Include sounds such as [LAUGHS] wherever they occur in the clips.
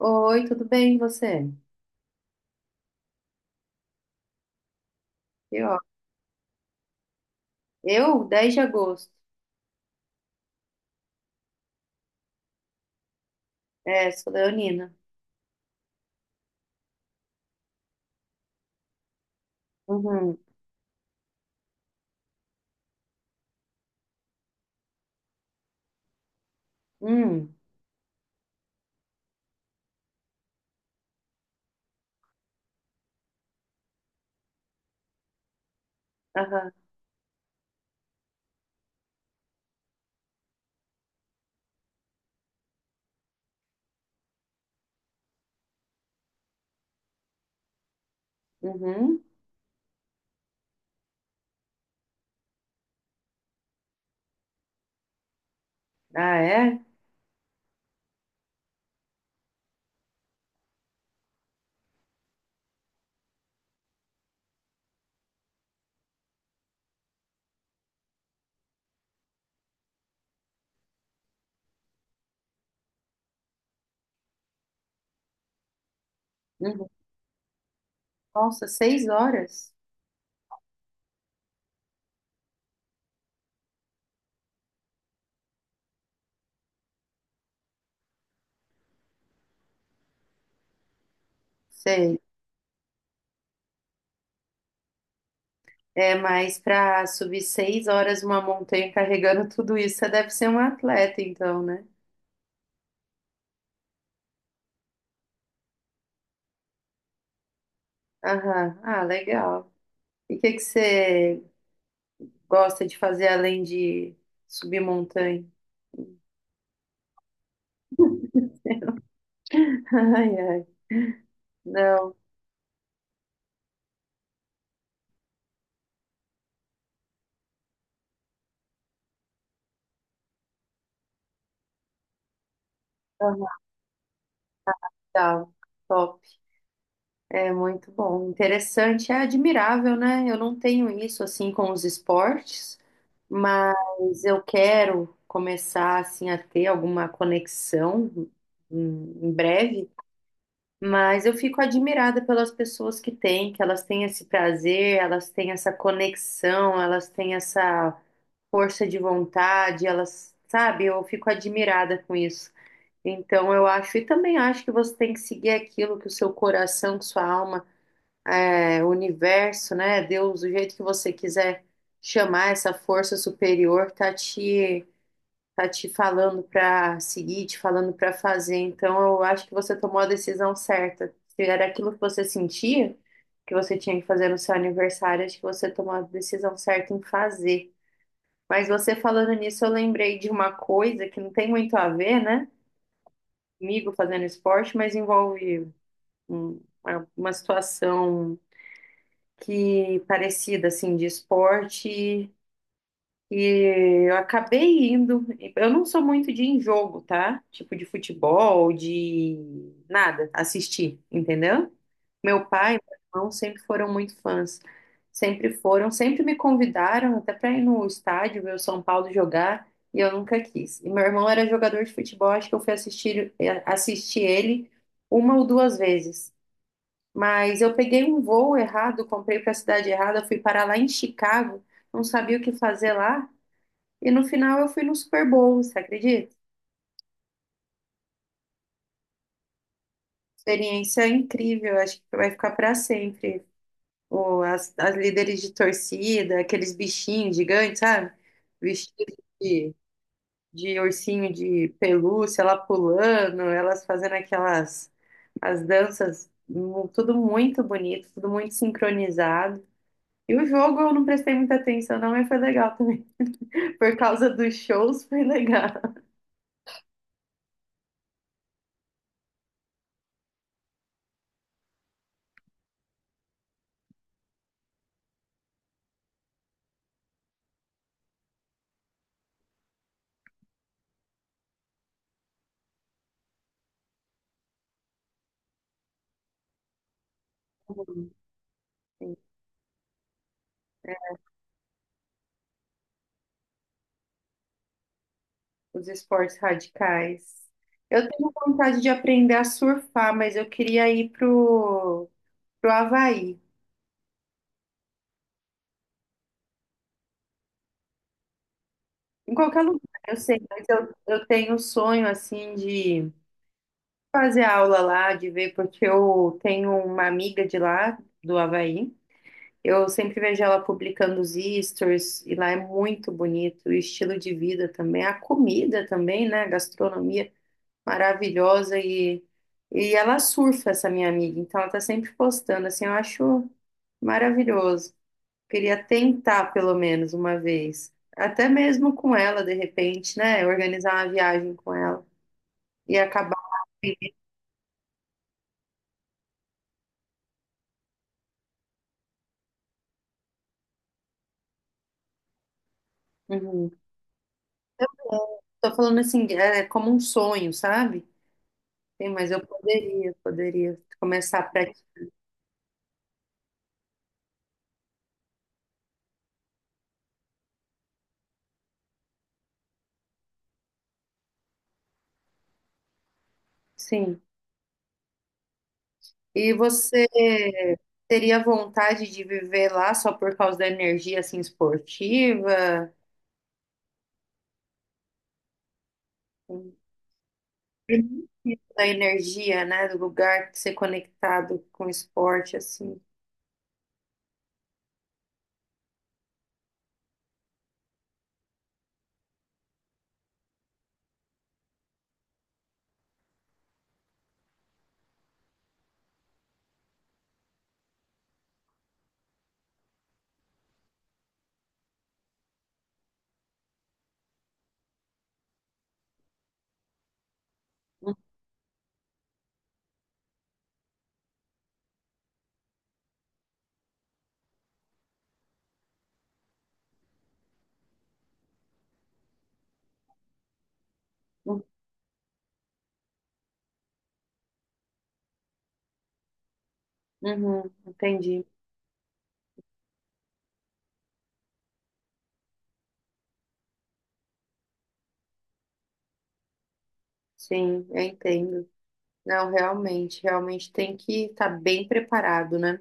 Oi, tudo bem, e você? Eu, ó, eu, 10 de agosto. É, sou leonina. Uhum. Hum, aham, uhum. Ah, é? Uhum. Nossa, 6 horas? Sei. É, mas para subir 6 horas uma montanha carregando tudo isso, você deve ser um atleta, então, né? Aham. Ah, legal. E o que que você gosta de fazer além de subir montanha? [LAUGHS] Ai, ai. Não. Aham, legal. Top. É muito bom, interessante, é admirável, né? Eu não tenho isso assim com os esportes, mas eu quero começar assim a ter alguma conexão em breve, mas eu fico admirada pelas pessoas que têm, que elas têm esse prazer, elas têm essa conexão, elas têm essa força de vontade, elas, sabe, eu fico admirada com isso. Então eu acho, e também acho que você tem que seguir aquilo que o seu coração, que sua alma é, o universo, né? Deus, o jeito que você quiser chamar essa força superior, tá te falando para seguir, te falando para fazer. Então, eu acho que você tomou a decisão certa. Se era aquilo que você sentia que você tinha que fazer no seu aniversário, acho que você tomou a decisão certa em fazer. Mas você falando nisso, eu lembrei de uma coisa que não tem muito a ver, né? Comigo fazendo esporte, mas envolve uma situação que parecida assim de esporte e eu acabei indo. Eu não sou muito de ir em jogo, tá? Tipo de futebol, de nada, assistir, entendeu? Meu pai e meu irmão sempre foram muito fãs. Sempre foram, sempre me convidaram até para ir no estádio ver o São Paulo jogar e eu nunca quis. E meu irmão era jogador de futebol, acho que eu fui assistir ele uma ou duas vezes. Mas eu peguei um voo errado, comprei para a cidade errada, fui parar lá em Chicago, não sabia o que fazer lá, e no final eu fui no Super Bowl, você acredita? Experiência incrível, acho que vai ficar para sempre. As líderes de torcida, aqueles bichinhos gigantes, sabe? Vestidos de, ursinho de pelúcia, ela pulando, elas fazendo aquelas as danças, tudo muito bonito, tudo muito sincronizado. E o jogo eu não prestei muita atenção, não, mas foi legal também. [LAUGHS] Por causa dos shows, foi legal. Sim, os esportes radicais. Eu tenho vontade de aprender a surfar, mas eu queria ir pro Havaí. Em qualquer lugar, eu sei, mas eu tenho o sonho, assim, de fazer aula lá, de ver, porque eu tenho uma amiga de lá, do Havaí. Eu sempre vejo ela publicando os stories, e lá é muito bonito, o estilo de vida também, a comida também, né? A gastronomia maravilhosa e ela surfa, essa minha amiga, então ela tá sempre postando, assim, eu acho maravilhoso. Queria tentar pelo menos uma vez, até mesmo com ela, de repente, né? Organizar uma viagem com ela e acabar. Uhum. Tô falando assim, é como um sonho, sabe? Sim, mas eu poderia começar a praticar. Sim. E você teria vontade de viver lá só por causa da energia assim esportiva? Uhum. Da energia, né? Do lugar de ser conectado com o esporte, assim. Uhum, uhum, entendi. Sim, eu entendo. Não, realmente, realmente tem que estar bem preparado, né?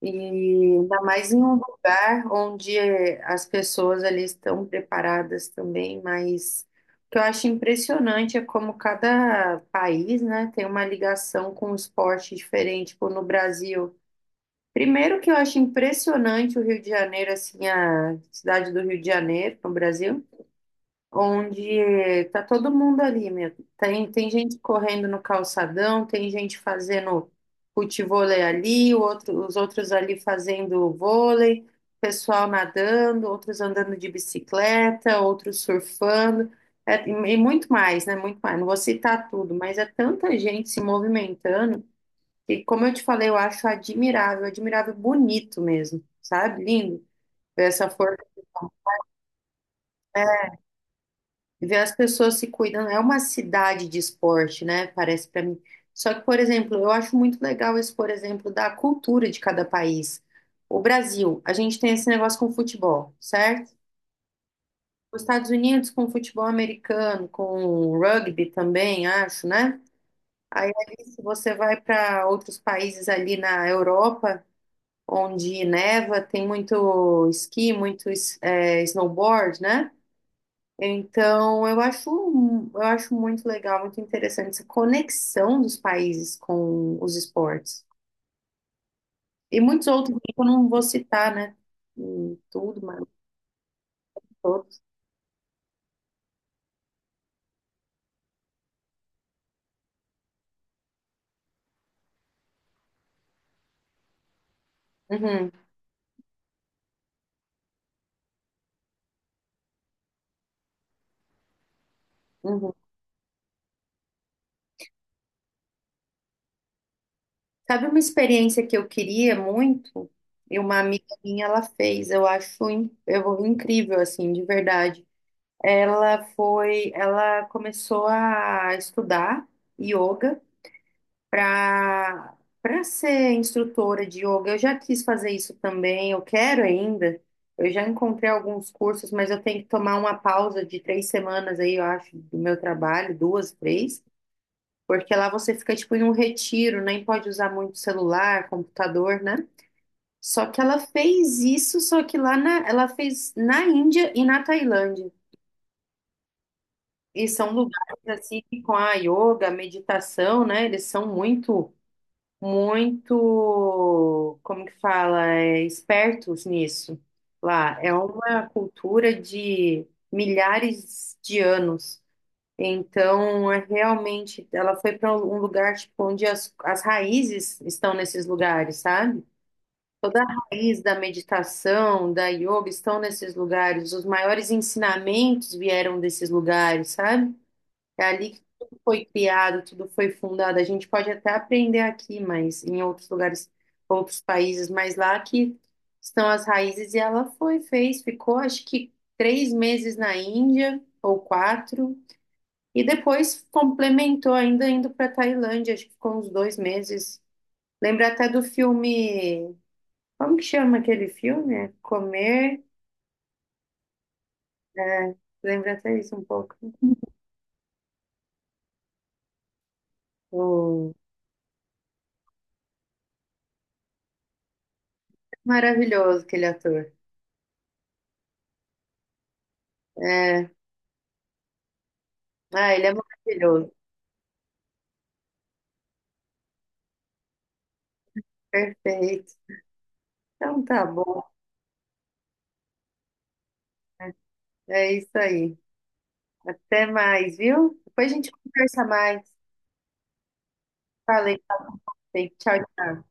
E ainda mais em um lugar onde as pessoas ali estão preparadas também, mas o que eu acho impressionante é como cada país, né, tem uma ligação com um esporte diferente, como no Brasil. Primeiro que eu acho impressionante o Rio de Janeiro, assim, a cidade do Rio de Janeiro, no Brasil, onde tá todo mundo ali mesmo. Tem gente correndo no calçadão, tem gente fazendo futevôlei ali, o outro, os outros ali fazendo vôlei, pessoal nadando, outros andando de bicicleta, outros surfando, é, e muito mais, né? Muito mais. Não vou citar tudo, mas é tanta gente se movimentando que, como eu te falei, eu acho admirável, admirável, bonito mesmo, sabe? Lindo ver essa força. Ver as pessoas se cuidando. É uma cidade de esporte, né? Parece para mim. Só que, por exemplo, eu acho muito legal esse, por exemplo, da cultura de cada país. O Brasil, a gente tem esse negócio com futebol, certo? Os Estados Unidos com futebol americano, com rugby também, acho, né? Aí, ali, se você vai para outros países ali na Europa, onde neva, tem muito esqui, muito snowboard, né? Então, eu acho, muito legal, muito interessante essa conexão dos países com os esportes. E muitos outros que eu não vou citar, né? Tudo, mas todos. Uhum, uhum. Sabe uma experiência que eu queria muito? E uma amiga minha, ela fez. Eu acho incrível, assim, de verdade. Ela começou a estudar yoga. para para ser instrutora de yoga. Eu já quis fazer isso também, eu quero ainda. Eu já encontrei alguns cursos, mas eu tenho que tomar uma pausa de 3 semanas aí, eu acho, do meu trabalho, duas, três, porque lá você fica tipo em um retiro, nem pode usar muito celular, computador, né? Só que ela fez isso, só que ela fez na Índia e na Tailândia. E são lugares assim que com a yoga, a meditação, né? Eles são muito muito, como que fala, é, espertos nisso lá. É uma cultura de milhares de anos. Então, é realmente, ela foi para um lugar tipo, onde as raízes estão nesses lugares, sabe? Toda a raiz da meditação, da yoga estão nesses lugares. Os maiores ensinamentos vieram desses lugares, sabe? É ali que tudo foi criado, tudo foi fundado. A gente pode até aprender aqui, mas em outros lugares, outros países, mas lá que estão as raízes. E ela foi, fez, ficou acho que 3 meses na Índia, ou quatro, e depois complementou ainda indo para Tailândia, acho que ficou uns 2 meses. Lembra até do filme. Como que chama aquele filme? É Comer. Lembra até isso um pouco. O... Maravilhoso aquele ator. É. Ah, ele é maravilhoso. Perfeito. Então tá bom. É isso aí. Até mais, viu? Depois a gente conversa mais. Falei. Tchau, tchau.